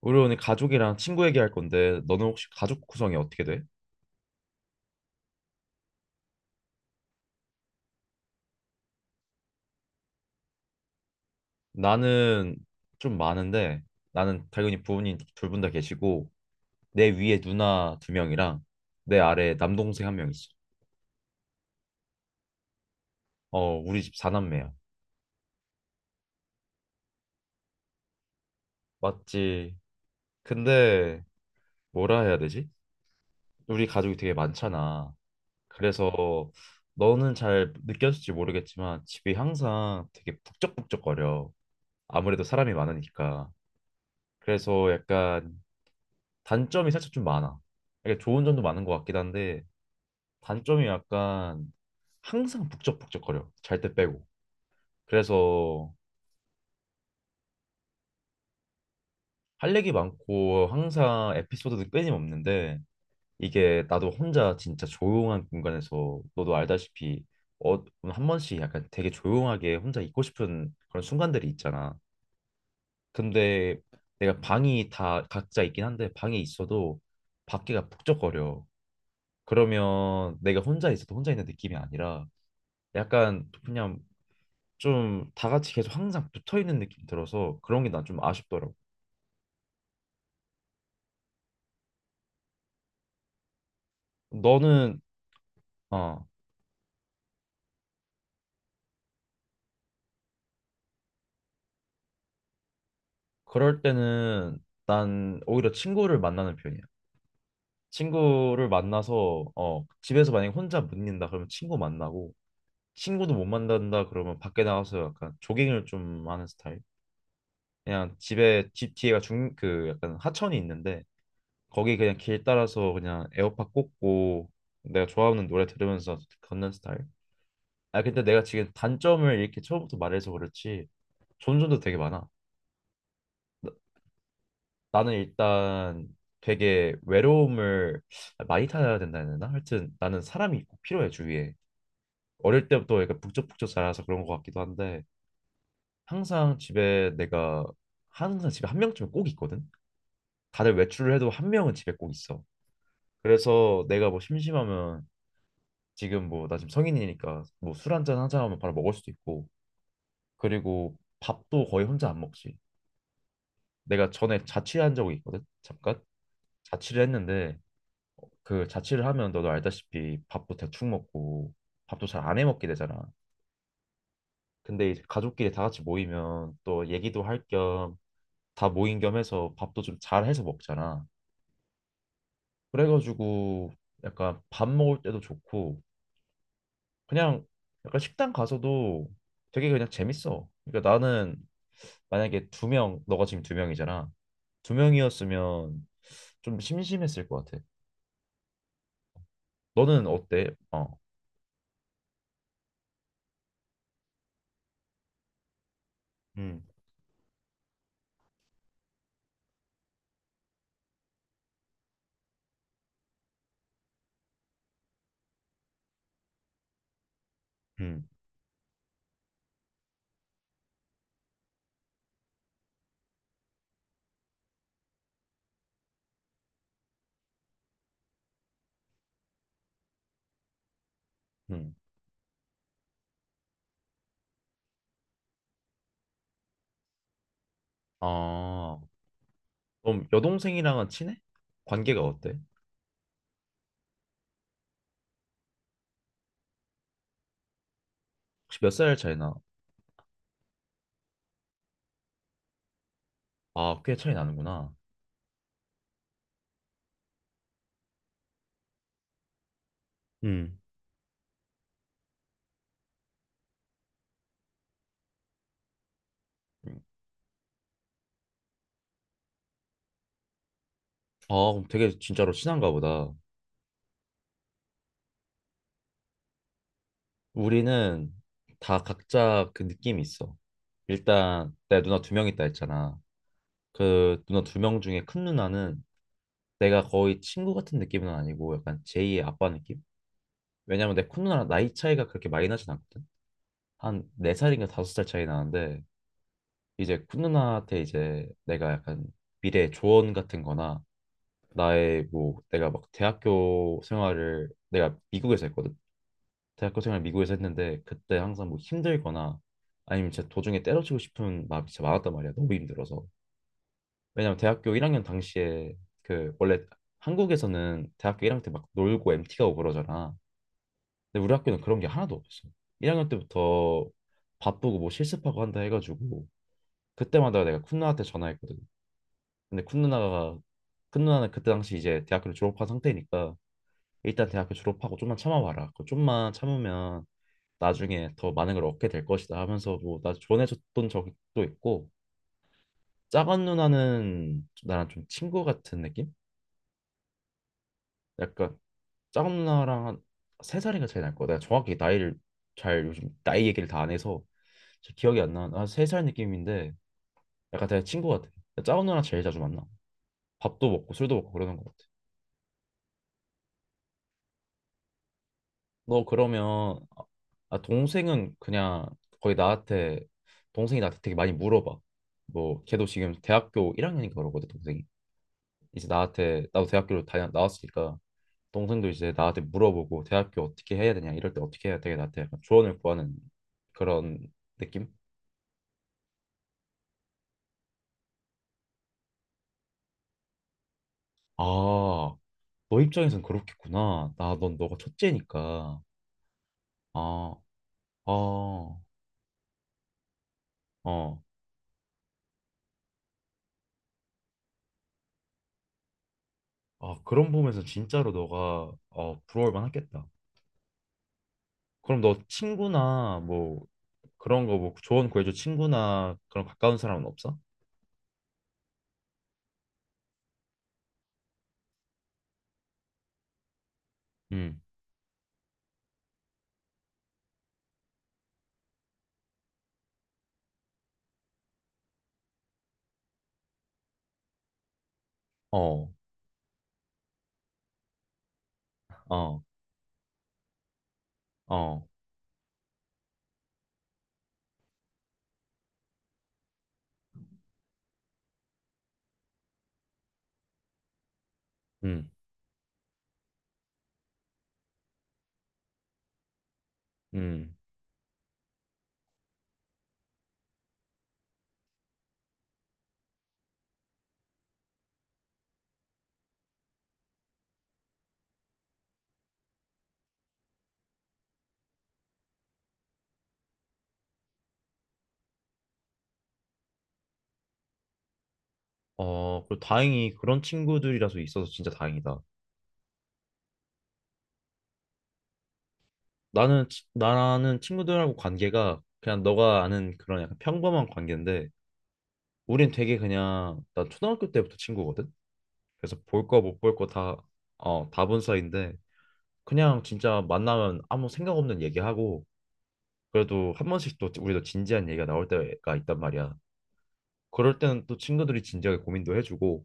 우리 오늘 가족이랑 친구 얘기할 건데 너는 혹시 가족 구성이 어떻게 돼? 나는 좀 많은데. 나는 당연히 부모님 둘 분 다 계시고 내 위에 누나 두 명이랑 내 아래에 남동생 한 명 있어. 어, 우리 집 사남매야. 맞지? 근데 뭐라 해야 되지? 우리 가족이 되게 많잖아. 그래서 너는 잘 느꼈을지 모르겠지만 집이 항상 되게 북적북적거려. 아무래도 사람이 많으니까. 그래서 약간 단점이 살짝 좀 많아. 이게 좋은 점도 많은 것 같긴 한데 단점이 약간 항상 북적북적거려. 잘 때 빼고. 그래서 할 얘기 많고 항상 에피소드도 끊임없는데 이게 나도 혼자 진짜 조용한 공간에서 너도 알다시피 어, 한 번씩 약간 되게 조용하게 혼자 있고 싶은 그런 순간들이 있잖아. 근데 내가 방이 다 각자 있긴 한데 방에 있어도 밖에가 북적거려. 그러면 내가 혼자 있어도 혼자 있는 느낌이 아니라 약간 그냥 좀 다 같이 계속 항상 붙어 있는 느낌 들어서 그런 게 난 좀 아쉽더라고. 너는. 어 그럴 때는 난 오히려 친구를 만나는 편이야. 친구를 만나서 어 집에서 만약에 혼자 못 있는다 그러면 친구 만나고 친구도 못 만난다 그러면 밖에 나가서 약간 조깅을 좀 하는 스타일. 그냥 집에 집 뒤에가 중 그 약간 하천이 있는데 거기 그냥 길 따라서 그냥 에어팟 꽂고 내가 좋아하는 노래 들으면서 걷는 스타일. 아 근데 내가 지금 단점을 이렇게 처음부터 말해서 그렇지 좋은 점도 되게 많아. 나, 나는 일단 되게 외로움을 많이 타야 된다 해야 되나? 하여튼 나는 사람이 꼭 필요해 주위에. 어릴 때부터 약간 북적북적 자라서 그런 것 같기도 한데 항상 집에 내가 항상 집에 한 명쯤은 꼭 있거든. 다들 외출을 해도 한 명은 집에 꼭 있어. 그래서 내가 뭐 심심하면 지금 뭐 나 지금 성인이니까 뭐 술 한잔 하자 하면 바로 먹을 수도 있고 그리고 밥도 거의 혼자 안 먹지. 내가 전에 자취한 적이 있거든. 잠깐 자취를 했는데 그 자취를 하면 너도 알다시피 밥도 대충 먹고 밥도 잘 안 해 먹게 되잖아. 근데 이제 가족끼리 다 같이 모이면 또 얘기도 할 겸 다 모인 겸 해서 밥도 좀 잘 해서 먹잖아. 그래가지고 약간 밥 먹을 때도 좋고 그냥 약간 식당 가서도 되게 그냥 재밌어. 그러니까 나는 만약에 두 명, 너가 지금 두 명이잖아. 두 명이었으면 좀 심심했을 것 같아. 너는 어때? 어, 음. 음, 음. 아, 그럼 여동생이랑은 친해? 관계가 어때? 혹시 몇 살 차이 나? 아, 꽤 차이 나는구나. 음. 음. 아, 그럼 되게 진짜로 친한가 보다. 우리는 다 각자 그 느낌이 있어. 일단 내 누나 두 명 있다 했잖아. 그 누나 두 명 중에 큰 누나는 내가 거의 친구 같은 느낌은 아니고 약간 제2의 아빠 느낌? 왜냐면 내 큰 누나랑 나이 차이가 그렇게 많이 나진 않거든. 한 네살인가 다섯 살 차이 나는데 이제 쿤누나한테 이제 내가 약간 미래 조언 같은 거나 나의 뭐 내가 막 대학교 생활을 내가 미국에서 했거든. 대학교 생활 미국에서 했는데 그때 항상 뭐 힘들거나 아니면 진짜 도중에 때려치고 싶은 마음이 진짜 많았단 말이야. 너무 힘들어서. 왜냐면 대학교 1학년 당시에 그 원래 한국에서는 대학교 1학년 때 막 놀고 MT 가고 그러잖아. 근데 우리 학교는 그런 게 하나도 없었어. 1학년 때부터 바쁘고 뭐 실습하고 한다 해가지고 그때마다 내가 쿤나한테 전화했거든. 근데 큰 누나는 그때 당시 이제 대학교를 졸업한 상태니까 일단 대학교 졸업하고 좀만 참아봐라. 그 좀만 참으면 나중에 더 많은 걸 얻게 될 것이다 하면서 뭐나 조언해줬던 적도 있고 작은 누나는 좀 나랑 좀 친구 같은 느낌? 약간 작은 누나랑 한 세 살인가 차이 날 거야. 내가 정확히 나이를 잘 요즘 나이 얘기를 다 안 해서 잘 기억이 안 나. 한세살 느낌인데 약간 되게 친구 같아. 작은 누나랑 제일 자주 만나. 밥도 먹고 술도 먹고 그러는 것 같아. 너 그러면 아, 동생은 그냥 거의 나한테 동생이 나한테 되게 많이 물어봐. 뭐 걔도 지금 대학교 1학년인가 그러거든 동생이. 이제 나한테 나도 대학교를 다녀 나왔으니까 동생도 이제 나한테 물어보고 대학교 어떻게 해야 되냐 이럴 때 어떻게 해야 되게 나한테 약간 조언을 구하는 그런 느낌? 아, 너 입장에선 그렇겠구나. 나 넌 너가 첫째니까. 아, 아, 어. 아, 그런 부분에서 진짜로 너가 어, 부러울 만하겠다. 그럼 너 친구나 뭐 그런 거 뭐 조언 구해줘 친구나 그런 가까운 사람은 없어? 응. 어, 어, 어, 응, 응. 어, 그리고 다행히 그런 친구들이라서 있어서 진짜 다행이다. 나는 친구들하고 관계가 그냥 너가 아는 그런 약간 평범한 관계인데 우린 되게 그냥 나 초등학교 때부터 친구거든. 그래서 볼 거 못 볼 거 다, 어, 다 본 사이인데 그냥 진짜 만나면 아무 생각 없는 얘기하고 그래도 한 번씩 또 우리도 진지한 얘기가 나올 때가 있단 말이야. 그럴 때는 또 친구들이 진지하게 고민도 해주고.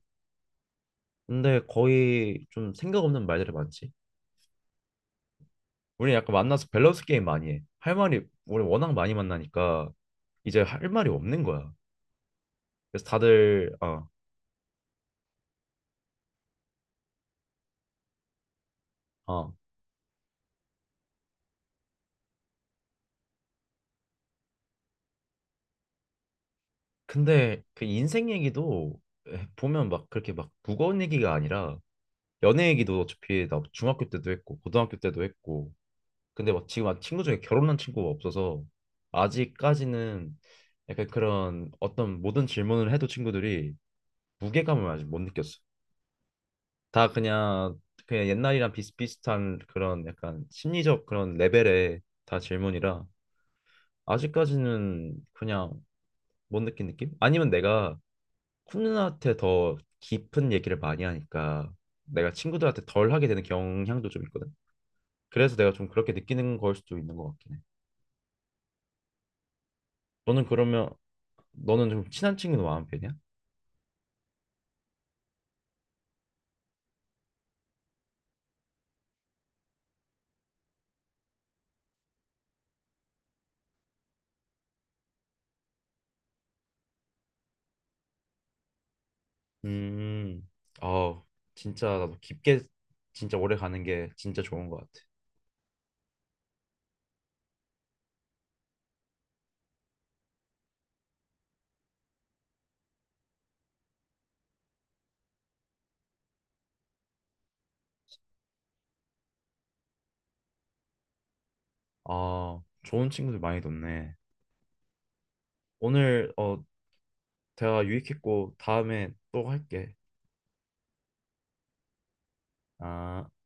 근데 거의 좀 생각 없는 말들이 많지. 우리 약간 만나서 밸런스 게임 많이 해. 할 말이 우리 워낙 많이 만나니까 이제 할 말이 없는 거야. 그래서 다들 어, 어. 근데 그 인생 얘기도 보면 막 그렇게 막 무거운 얘기가 아니라 연애 얘기도 어차피 나 중학교 때도 했고 고등학교 때도 했고 근데 막 지금 막 친구 중에 결혼한 친구가 없어서 아직까지는 약간 그런 어떤 모든 질문을 해도 친구들이 무게감을 아직 못 느꼈어. 다 그냥 그냥 옛날이랑 비슷비슷한 그런 약간 심리적 그런 레벨의 다 질문이라 아직까지는 그냥 못 느낀 느낌? 아니면 내가 쿤누나한테 더 깊은 얘기를 많이 하니까 내가 친구들한테 덜 하게 되는 경향도 좀 있거든. 그래서 내가 좀 그렇게 느끼는 걸 수도 있는 것 같긴 해. 너는 그러면 너는 좀 친한 친구도 많은 편이야? 음, 아, 진짜 나도 깊게 진짜 오래 가는 게 진짜 좋은 것 같아. 아, 좋은 친구들 많이 뒀네. 오늘 어 대화 유익했고 다음에 또 할게. 아.